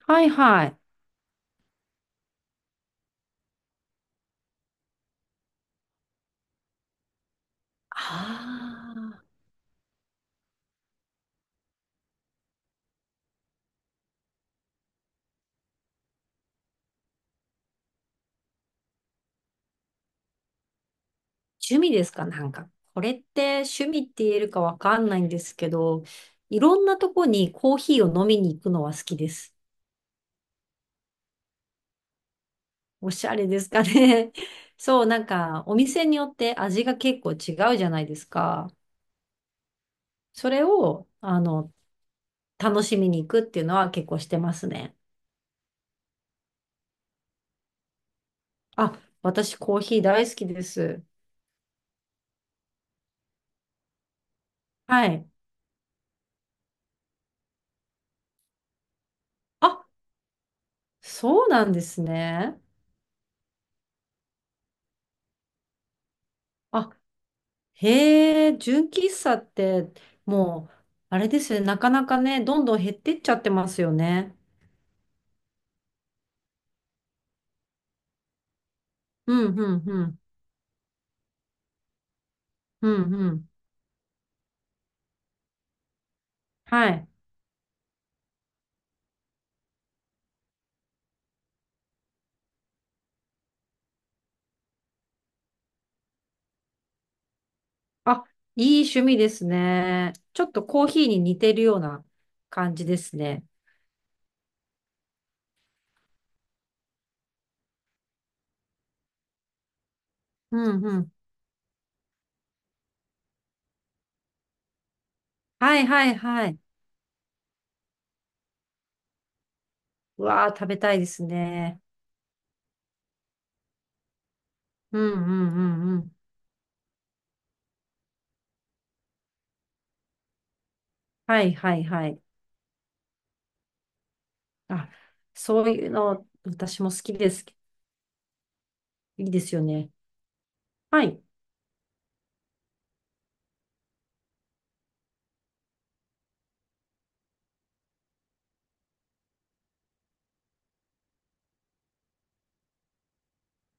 はいはい。ああ、趣味ですか？なんか、これって趣味って言えるかわかんないんですけど、いろんなとこにコーヒーを飲みに行くのは好きです。おしゃれですかね。そう、なんか、お店によって味が結構違うじゃないですか。それを、楽しみに行くっていうのは結構してますね。あ、私コーヒー大好きです。はい。あ、そうなんですね。あ、へえ、純喫茶って、もう、あれですよね。なかなかね、どんどん減ってっちゃってますよね。うん、うん、うん、うん、うん。はい。あ、いい趣味ですね。ちょっとコーヒーに似てるような感じですね。うん、うん。はい、はい、はい。うわー、食べたいですね。うん、うん、うん、うん。はい、はい、はい。あ、そういうの、私も好きです。いいですよね。はい。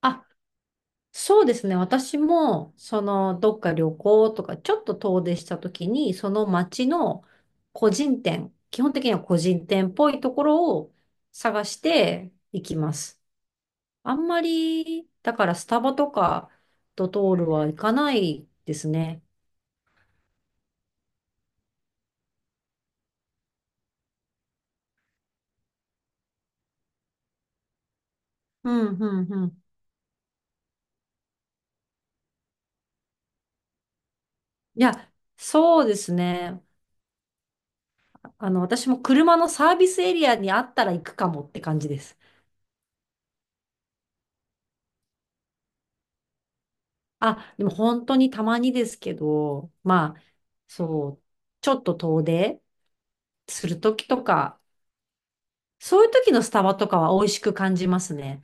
あ、そうですね。私も、どっか旅行とか、ちょっと遠出したときに、その街の個人店、基本的には個人店っぽいところを探していきます。あんまり、だからスタバとかドトールは行かないですね。うん、うん、うん。いや、そうですね。私も車のサービスエリアにあったら行くかもって感じです。あ、でも本当にたまにですけど、まあ、そう、ちょっと遠出するときとか、そういう時のスタバとかは美味しく感じますね。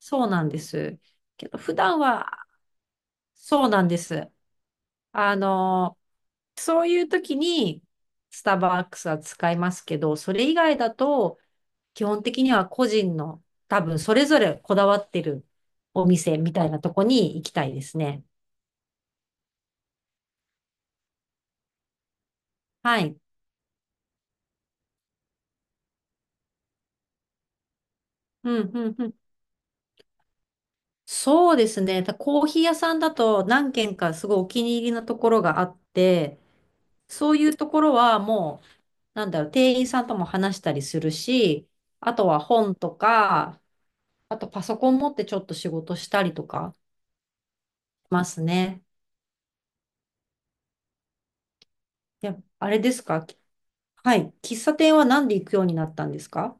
そうなんです。けど、普段は、そうなんです。あの、そういう時にスターバックスは使いますけど、それ以外だと、基本的には個人の、多分それぞれこだわってるお店みたいなとこに行きたいですね。はい。うん、うん、うん。そうですね。コーヒー屋さんだと何軒かすごいお気に入りのところがあって、そういうところはもう、なんだろう、店員さんとも話したりするし、あとは本とか、あとパソコン持ってちょっと仕事したりとかしますね。いや、あれですか？はい。喫茶店は何で行くようになったんですか？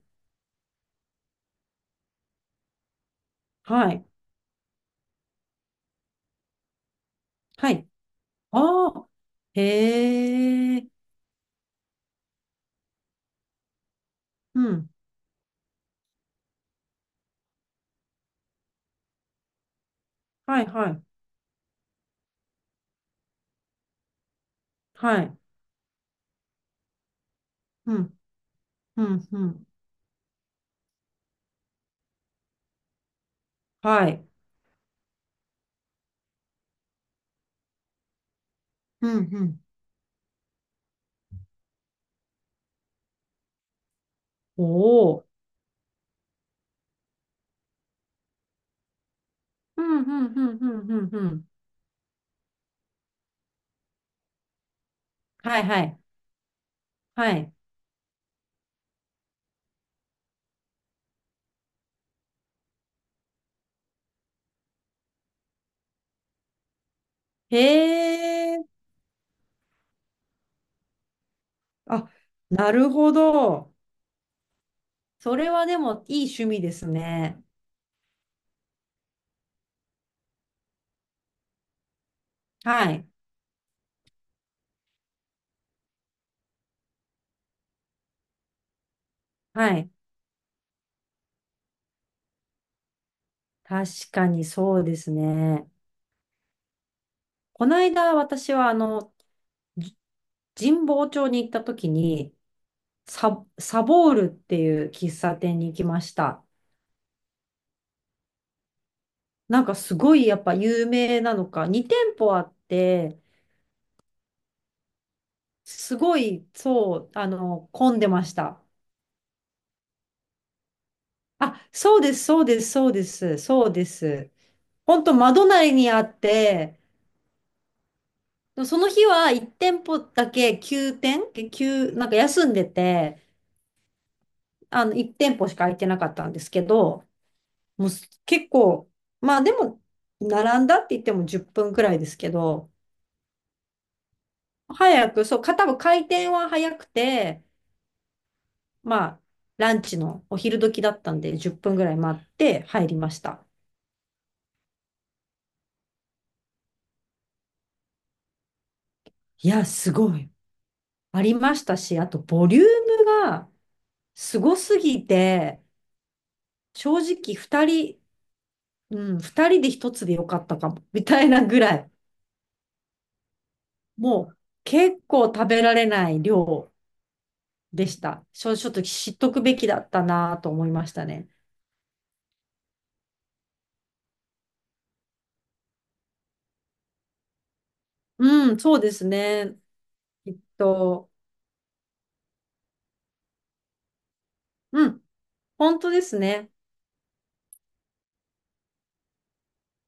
はい。はい。ああ。へえ。うん。はいはい。はい。うん。うん。うん。はい。うん。うん。おお。うん、うん、うん、うん、うん。うん。はい、はい、はい。へえ、あ、なるほど。それはでもいい趣味ですね。はい、はい。確かにそうですね。この間、私は、じ神保町に行った時に、サボールっていう喫茶店に行きました。なんかすごいやっぱ有名なのか、2店舗あって、すごい、そう、混んでました。あ、そうです、そうです、そうです、そうです。本当窓内にあって、その日は1店舗だけ休店、なんか休んでて、1店舗しか空いてなかったんですけど、もうす結構、まあでも、並んだって言っても10分くらいですけど、早く、そう、多分開店は早くて、まあ、ランチのお昼時だったんで、10分くらい待って入りました。いや、すごい。ありましたし、あとボリュームが、すごすぎて、正直二人、うん、二人で一つでよかったかも、みたいなぐらい、もう結構食べられない量でした。ちょっと知っとくべきだったなと思いましたね。うん、そうですね。きっと、うん、本当ですね。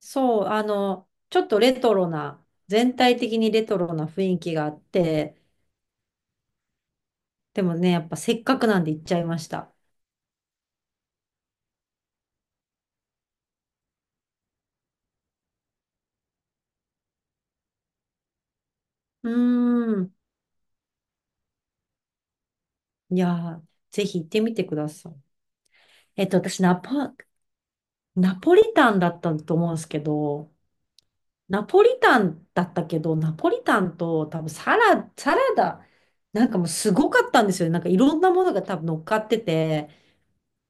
そう、ちょっとレトロな、全体的にレトロな雰囲気があって、でもね、やっぱせっかくなんで行っちゃいました。うーん、いやー、ぜひ行ってみてください。私、ナポリタンだったと思うんですけど、ナポリタンだったけど、ナポリタンと多分サラダ、なんかもうすごかったんですよね。なんかいろんなものが多分乗っかってて、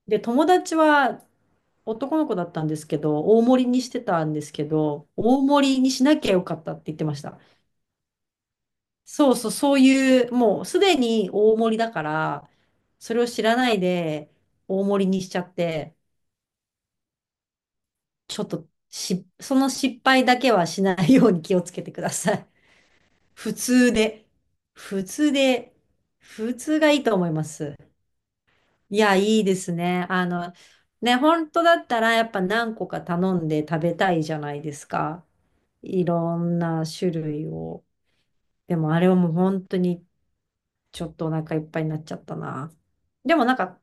で、友達は男の子だったんですけど、大盛りにしてたんですけど、大盛りにしなきゃよかったって言ってました。そうそう、そういう、もうすでに大盛りだから、それを知らないで大盛りにしちゃって、ちょっと、その失敗だけはしないように気をつけてください。普通で。普通で。普通がいいと思います。いや、いいですね。ね、本当だったらやっぱ何個か頼んで食べたいじゃないですか。いろんな種類を。でもあれはもう本当にちょっとお腹いっぱいになっちゃったな。でもなんか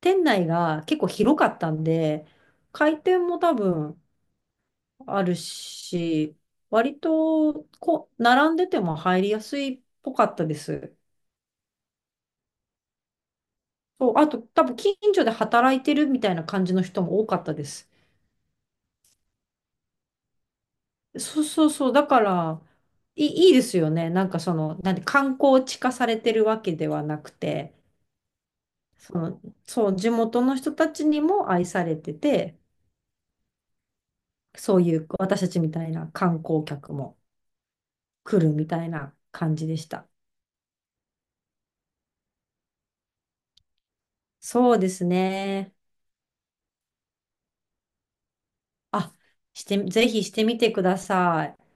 店内が結構広かったんで、開店も多分あるし、割とこう並んでても入りやすいっぽかったです。そう、あと多分近所で働いてるみたいな感じの人も多かったです。そうそうそう、だからいいですよね。なんかなんで観光地化されてるわけではなくて、その、そう、地元の人たちにも愛されてて、そういう私たちみたいな観光客も来るみたいな感じでした。そうですね。あ、ぜひしてみてください。